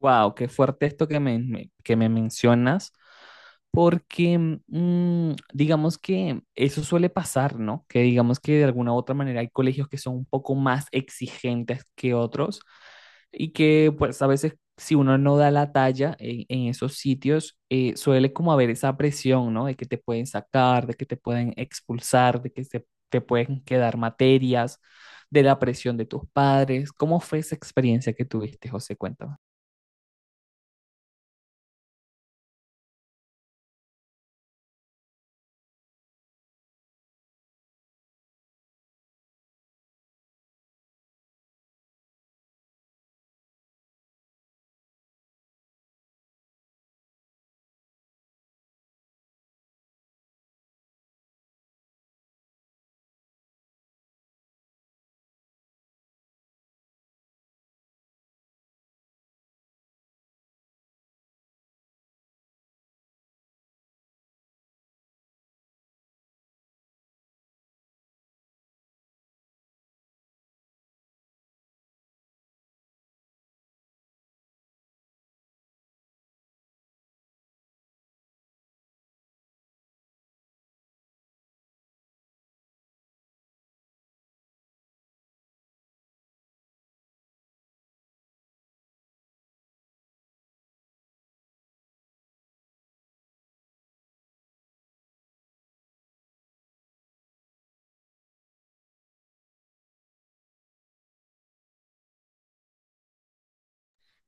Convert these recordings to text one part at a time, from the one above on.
Wow, qué fuerte esto que que me mencionas, porque digamos que eso suele pasar, ¿no? Que digamos que de alguna u otra manera hay colegios que son un poco más exigentes que otros y que pues a veces si uno no da la talla en esos sitios, suele como haber esa presión, ¿no? De que te pueden sacar, de que te pueden expulsar, de que te pueden quedar materias, de la presión de tus padres. ¿Cómo fue esa experiencia que tuviste, José? Cuéntame.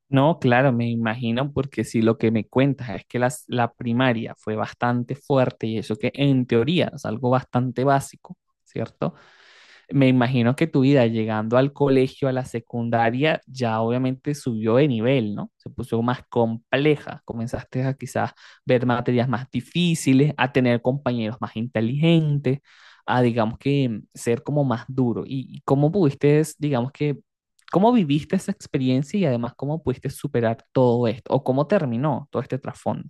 No, claro, me imagino, porque si lo que me cuentas es que la primaria fue bastante fuerte y eso que en teoría es algo bastante básico, ¿cierto? Me imagino que tu vida llegando al colegio, a la secundaria, ya obviamente subió de nivel, ¿no? Se puso más compleja. Comenzaste a quizás ver materias más difíciles, a tener compañeros más inteligentes, a digamos que ser como más duro. ¿Y cómo pudiste, digamos que, cómo viviste esa experiencia y además cómo pudiste superar todo esto? ¿O cómo terminó todo este trasfondo?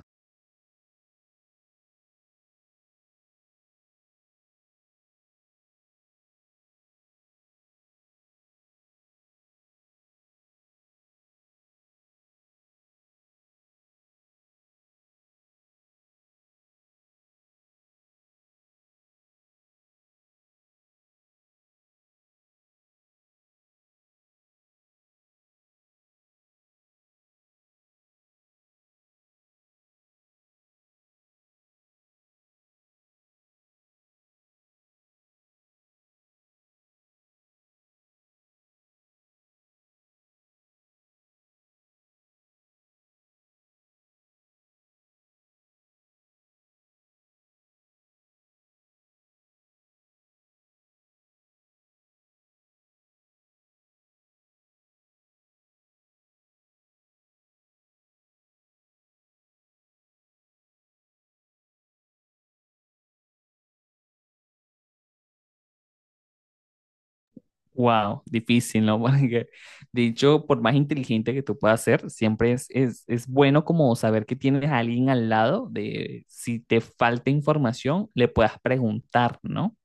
Wow, difícil, ¿no? Porque, de hecho, por más inteligente que tú puedas ser, siempre es bueno como saber que tienes a alguien al lado de si te falta información, le puedas preguntar, ¿no?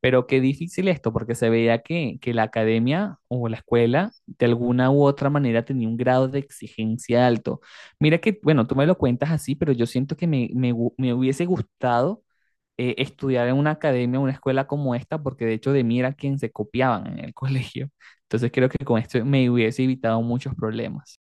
Pero qué difícil esto, porque se veía que la academia o la escuela de alguna u otra manera tenía un grado de exigencia alto. Mira que, bueno, tú me lo cuentas así, pero yo siento que me hubiese gustado estudiar en una academia, una escuela como esta, porque de hecho de mí era quien se copiaban en el colegio. Entonces creo que con esto me hubiese evitado muchos problemas.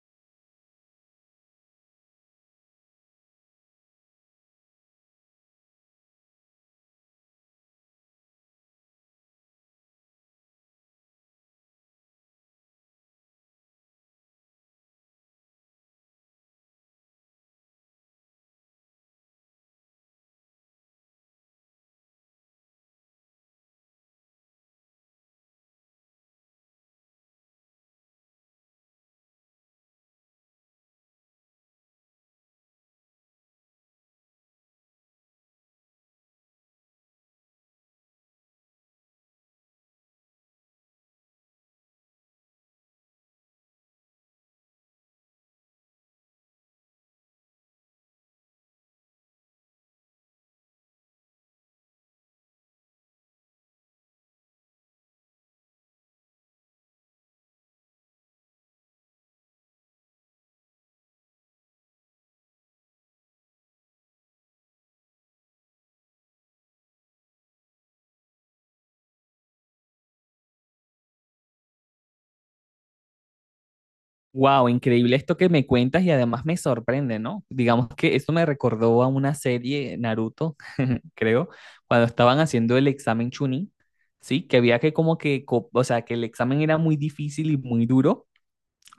Wow, increíble esto que me cuentas y además me sorprende, ¿no? Digamos que eso me recordó a una serie Naruto, creo, cuando estaban haciendo el examen Chunin, ¿sí? Que había que como o sea, que el examen era muy difícil y muy duro,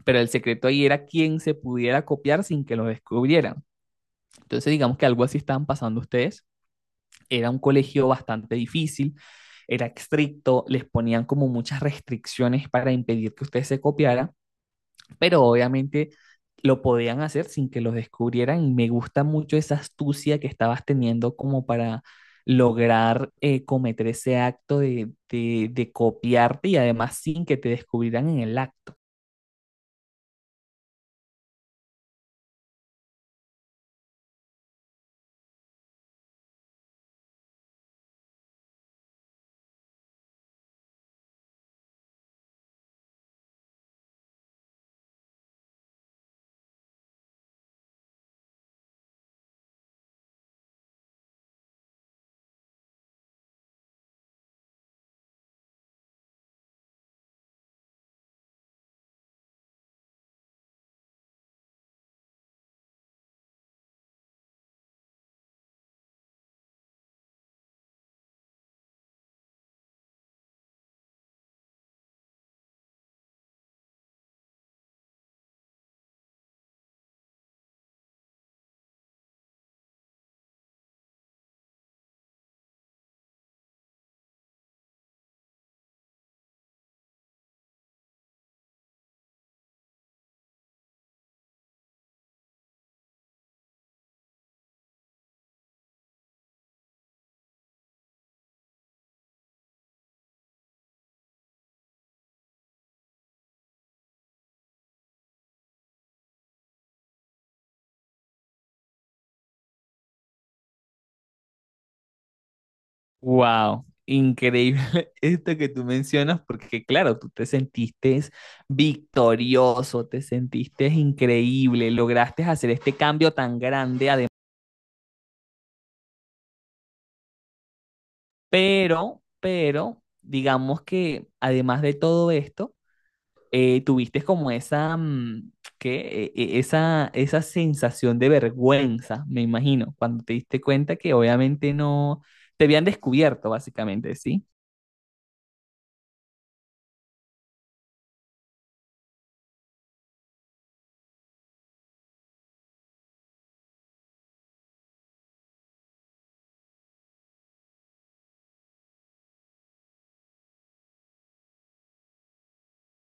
pero el secreto ahí era quién se pudiera copiar sin que lo descubrieran. Entonces, digamos que algo así estaban pasando ustedes. Era un colegio bastante difícil, era estricto, les ponían como muchas restricciones para impedir que ustedes se copiaran, pero obviamente lo podían hacer sin que los descubrieran y me gusta mucho esa astucia que estabas teniendo como para lograr cometer ese acto de copiarte y además sin que te descubrieran en el acto. Wow, increíble esto que tú mencionas porque claro, tú te sentiste victorioso, te sentiste increíble, lograste hacer este cambio tan grande, además, digamos que además de todo esto, tuviste como esa, ¿qué? Esa, esa sensación de vergüenza, me imagino, cuando te diste cuenta que obviamente no te habían descubierto, básicamente, ¿sí?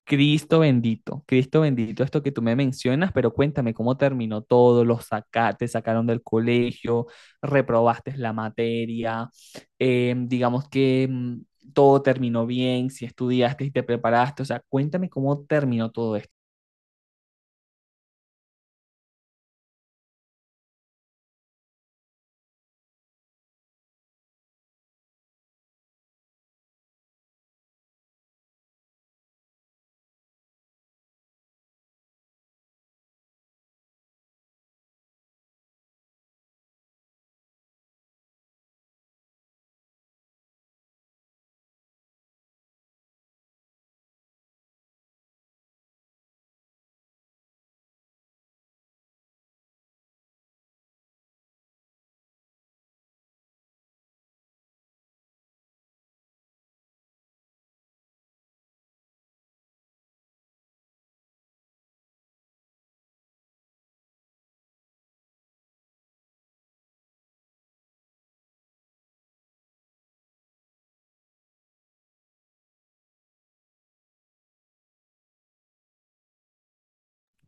Cristo bendito, esto que tú me mencionas, pero cuéntame cómo terminó todo, los sacaste, te sacaron del colegio, reprobaste la materia, digamos que todo terminó bien, si estudiaste y te preparaste, o sea, cuéntame cómo terminó todo esto.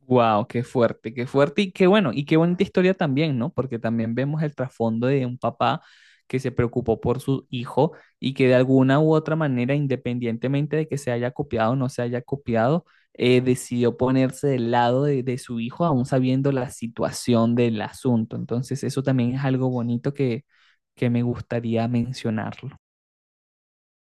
Wow, qué fuerte y qué bueno, y qué bonita historia también, ¿no? Porque también vemos el trasfondo de un papá que se preocupó por su hijo y que de alguna u otra manera, independientemente de que se haya copiado o no se haya copiado, decidió ponerse del lado de su hijo, aún sabiendo la situación del asunto. Entonces, eso también es algo bonito que me gustaría mencionarlo.